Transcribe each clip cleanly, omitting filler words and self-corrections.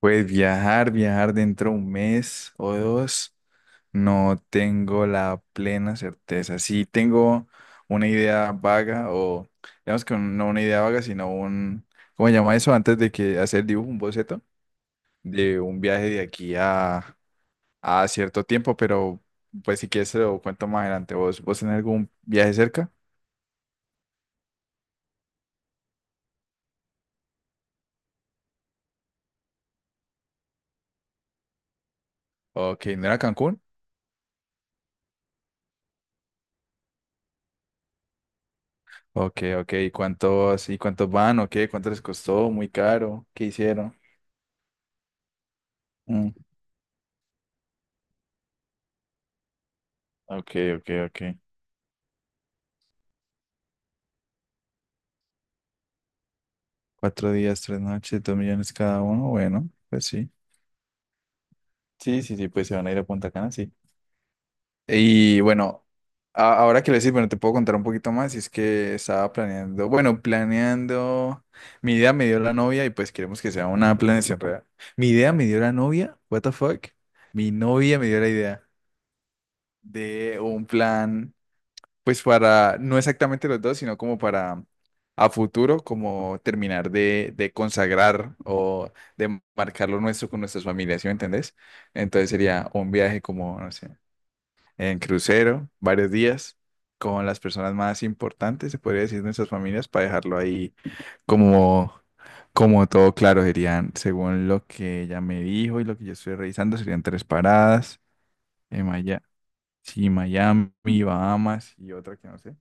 Pues viajar, viajar dentro de un mes o dos, no tengo la plena certeza. Sí tengo una idea vaga o, digamos que no una idea vaga, sino un, ¿cómo se llama eso? Antes de que hacer el dibujo, un boceto de un viaje de aquí a cierto tiempo, pero pues si quieres se lo cuento más adelante. ¿Vos tenés algún viaje cerca? Ok, ¿no era Cancún? Ok, ok. ¿Y cuántos van? ¿O qué? ¿Cuánto les costó? ¿Muy caro? ¿Qué hicieron? Ok, ok, ok. Cuatro días, tres noches, 2 millones cada uno. Bueno, pues sí. Sí, sí, sí, pues se van a ir a Punta Cana, sí. Y bueno, ahora que lo decís, bueno, te puedo contar un poquito más. Y es que estaba planeando, bueno, planeando. Mi idea me dio la novia y pues queremos que sea una planeación real. Mi idea me dio la novia, what the fuck. Mi novia me dio la idea de un plan. Pues para, no exactamente los dos, sino como para a futuro, como terminar de consagrar o de marcar lo nuestro con nuestras familias, ¿sí me entendés? Entonces sería un viaje como, no sé, en crucero, varios días, con las personas más importantes, se podría decir, de nuestras familias, para dejarlo ahí como, como todo claro. Serían, según lo que ella me dijo y lo que yo estoy revisando, serían tres paradas, en Maya- sí, Miami, Bahamas y otra que no sé.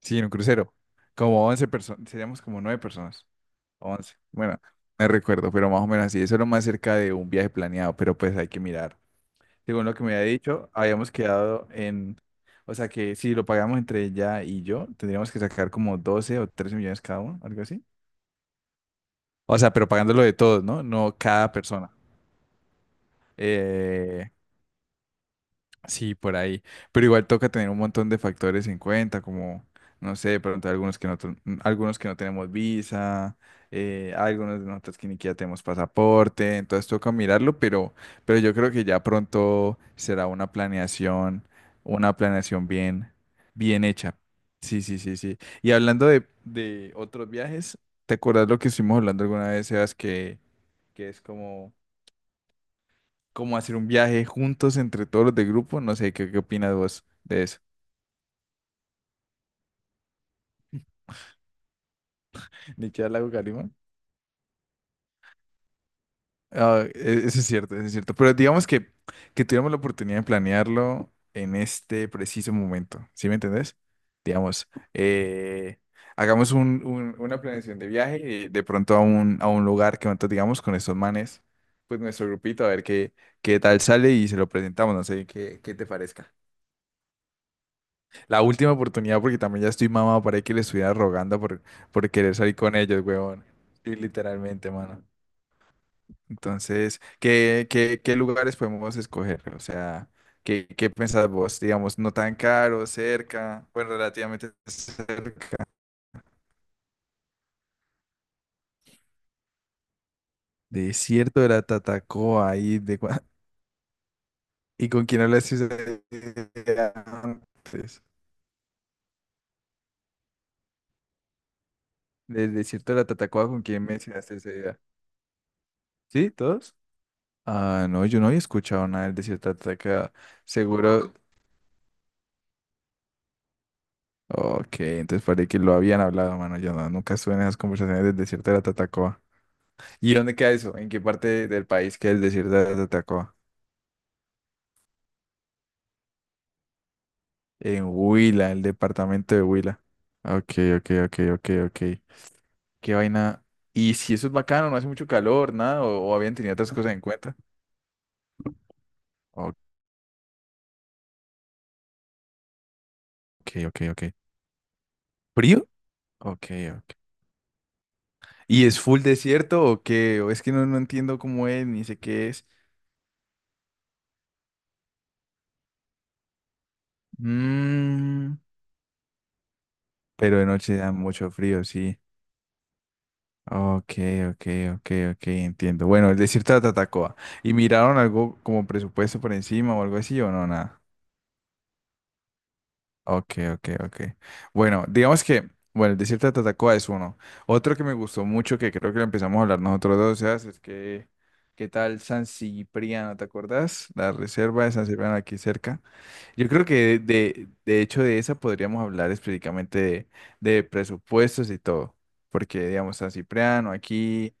Sí, en un crucero. Como 11 personas, seríamos como 9 personas. 11. Bueno, me recuerdo, pero más o menos así. Eso es lo más cerca de un viaje planeado, pero pues hay que mirar. Según lo que me había dicho, habíamos quedado en, o sea que si lo pagamos entre ella y yo, tendríamos que sacar como 12 o 13 millones cada uno, algo así. O sea, pero pagándolo de todos, ¿no? No cada persona. Eh, Sí, por ahí. Pero igual toca tener un montón de factores en cuenta, como, no sé, de pronto algunos que no, algunos que no tenemos visa, algunos de nosotros que ni siquiera tenemos pasaporte, entonces toca mirarlo, pero, yo creo que ya pronto será una planeación bien, bien hecha. Sí, sí, sí, sí. Y hablando de otros viajes, ¿te acuerdas lo que estuvimos hablando alguna vez, Sebas, que, es como hacer un viaje juntos entre todos los del grupo. No sé, ¿qué opinas vos de eso? ¿Nichia Lago Garima? Ah, eso es cierto, eso es cierto. Pero digamos que, tuviéramos la oportunidad de planearlo en este preciso momento. ¿Sí me entendés? Digamos, eh, hagamos una planeación de viaje, de pronto a un, lugar que nosotros digamos con estos manes, pues nuestro grupito, a ver qué, qué, tal sale y se lo presentamos. No sé qué te parezca. La última oportunidad, porque también ya estoy mamado para que le estuviera rogando por querer salir con ellos, huevón. Sí, literalmente, mano. Entonces, ¿qué lugares podemos escoger? O sea, ¿qué pensás vos? Digamos, no tan caro, cerca, bueno, relativamente cerca. Desierto de la Tatacoa, ahí ¿Y con quién hablaste ese día antes? Del desierto de la Tatacoa, ¿con quién mencionaste ese día? ¿Sí? ¿Todos? Ah, no, yo no había escuchado nada del desierto de Atacama. Seguro. Ok, entonces parece que lo habían hablado, mano. Yo no, nunca estuve en esas conversaciones del desierto de la Tatacoa. ¿Y dónde queda eso? ¿En qué parte del país queda el desierto de la Tatacoa? En Huila, el departamento de Huila. Ok, ok, ok, ok, ok. Qué vaina. ¿Y si eso es bacano, no hace mucho calor, nada? ¿O habían tenido otras cosas en cuenta? Ok, ok, ok. ¿Frío? Ok, ok. ¿Y es full desierto o qué? O es que no, entiendo cómo es, ni sé qué es. Mm, pero de noche da mucho frío, sí. Ok, ok, ok, ok, entiendo. Bueno, el desierto de Tatacoa. ¿Y miraron algo como presupuesto por encima o algo así o no? Nada. Ok, ok, ok. Bueno, digamos que, bueno, el desierto de Tatacoa es uno. Otro que me gustó mucho, que creo que lo empezamos a hablar nosotros dos, Sebas, es que, ¿qué tal San Cipriano? ¿Te acuerdas? La reserva de San Cipriano aquí cerca. Yo creo que de, hecho de esa podríamos hablar específicamente de presupuestos y todo, porque digamos San Cipriano aquí,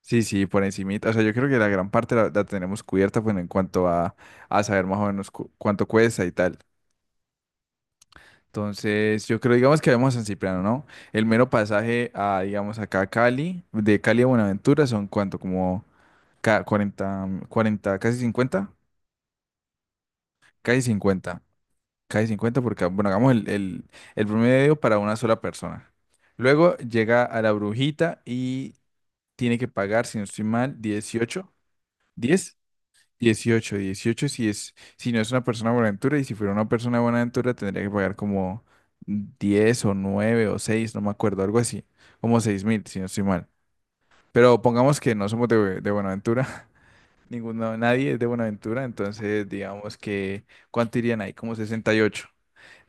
sí, sí, por encimita, o sea, yo creo que la gran parte la, tenemos cubierta bueno, en cuanto a saber más o menos cuánto cuesta y tal. Entonces, yo creo, digamos que vemos a San Cipriano, ¿no? El mero pasaje a, digamos, acá a Cali, de Cali a Buenaventura son cuánto, como 40 40, casi cincuenta. Cae 50 porque, bueno, hagamos el promedio para una sola persona. Luego llega a la brujita y tiene que pagar, si no estoy mal, 18 10 18 18 si es, si no es una persona de Buenaventura y si fuera una persona de Buenaventura tendría que pagar como 10 o 9 o 6 no me acuerdo, algo así, como 6 mil, si no estoy mal. Pero pongamos que no somos de, Buenaventura, ninguno, nadie es de Buenaventura, entonces digamos que, ¿cuánto irían ahí? Como 68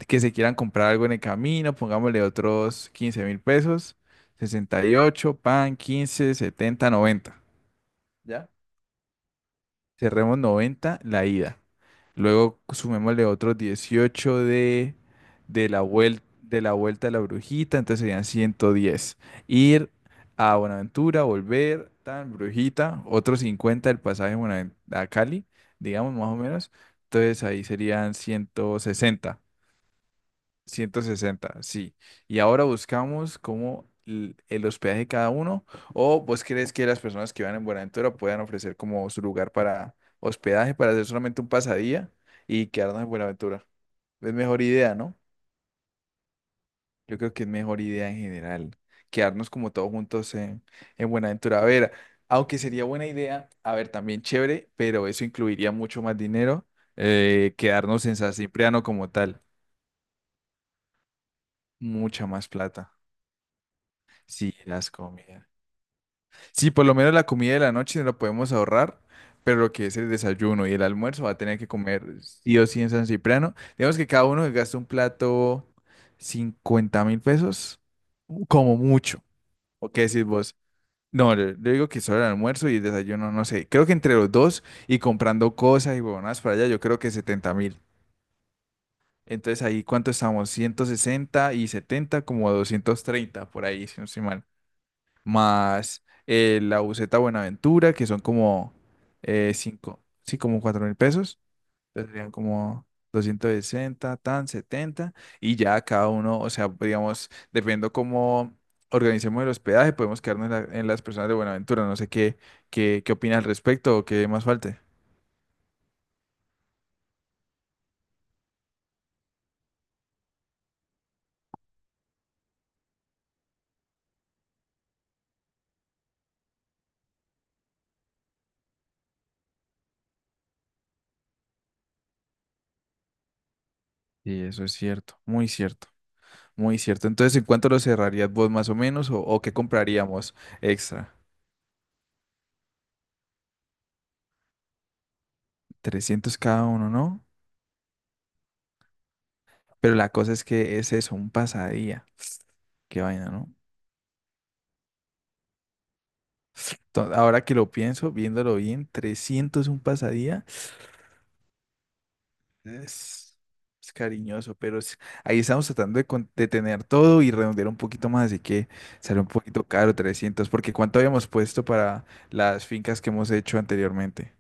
que se quieran comprar algo en el camino, pongámosle otros 15 mil pesos, 68 pan, 15 70 90. ¿Ya? Cerremos 90 la ida. Luego sumémosle otros 18 de la vuelta. De la vuelta de la brujita, entonces serían 110. Ir a Buenaventura, volver, tan brujita, otros 50 del pasaje a Cali, digamos más o menos, entonces ahí serían 160 160, sí. Y ahora buscamos cómo el hospedaje de cada uno, o vos crees que las personas que van en Buenaventura puedan ofrecer como su lugar para hospedaje, para hacer solamente un pasadía y quedarnos en Buenaventura. Es mejor idea, ¿no? Yo creo que es mejor idea en general, quedarnos como todos juntos en Buenaventura. A ver, aunque sería buena idea, a ver, también chévere, pero eso incluiría mucho más dinero, quedarnos en San Cipriano como tal, mucha más plata. Sí, las comidas. Sí, por lo menos la comida de la noche no la podemos ahorrar, pero lo que es el desayuno y el almuerzo va a tener que comer sí o sí en San Cipriano. Digamos que cada uno que gasta un plato 50 mil pesos, como mucho. ¿O qué decís vos? No, yo, digo que solo el almuerzo y el desayuno, no sé. Creo que entre los dos y comprando cosas y huevonadas para allá, yo creo que 70 mil. Entonces ahí, ¿cuánto estamos? 160 y 70, como 230 por ahí, si no estoy mal, más la buseta Buenaventura, que son como cinco, sí, como 4 mil pesos. Entonces serían como 260 tan 70. Y ya cada uno, o sea, digamos, dependiendo cómo organicemos el hospedaje, podemos quedarnos en las personas de Buenaventura. No sé qué, opina al respecto o qué más falte. Sí, eso es cierto, muy cierto, muy cierto. Entonces, ¿en cuánto lo cerrarías vos más o menos o qué compraríamos extra? 300 cada uno, ¿no? Pero la cosa es que es eso, un pasadía. Qué vaina, ¿no? Ahora que lo pienso, viéndolo bien, 300 un pasadía es, es cariñoso, pero ahí estamos tratando de tener todo y redondear un poquito más, así que sale un poquito caro 300 porque ¿cuánto habíamos puesto para las fincas que hemos hecho anteriormente?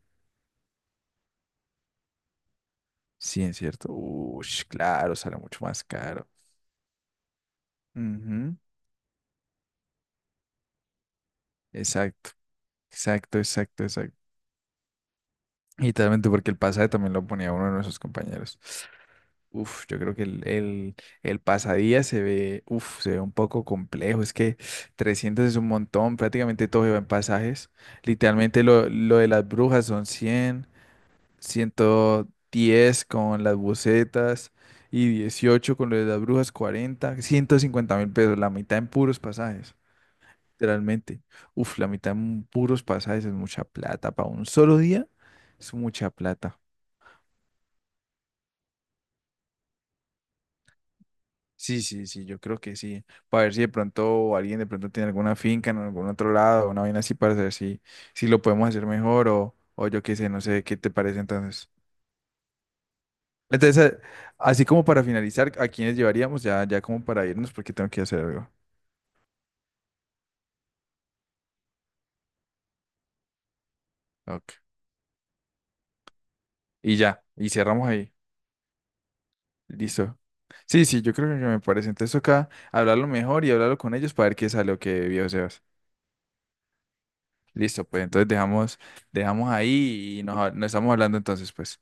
Sí, es cierto. Uy, claro, sale mucho más caro. Ujú. Exacto, exacto, exacto, exacto. Y literalmente porque el pasaje también lo ponía uno de nuestros compañeros. Uf, yo creo que el, pasadía se ve, uf, se ve un poco complejo. Es que 300 es un montón, prácticamente todo lleva en pasajes. Literalmente lo de las brujas son 100, 110 con las bucetas y 18 con lo de las brujas, 40, 150 mil pesos, la mitad en puros pasajes, literalmente. Uf, la mitad en puros pasajes es mucha plata. Para un solo día es mucha plata. Sí, sí, sí, yo creo que sí. Para ver si de pronto alguien de pronto tiene alguna finca en algún otro lado, una vaina así para ver si, lo podemos hacer mejor o yo qué sé, no sé qué te parece entonces. Entonces, así como para finalizar, ¿a quiénes llevaríamos? Ya, ya como para irnos porque tengo que hacer algo. Ok. Y ya, y cerramos ahí. Listo. Sí, sí, yo creo que me parece. Entonces acá hablarlo mejor y hablarlo con ellos para ver qué sale o qué viejo se va. Listo, pues entonces dejamos, ahí y nos estamos hablando entonces, pues.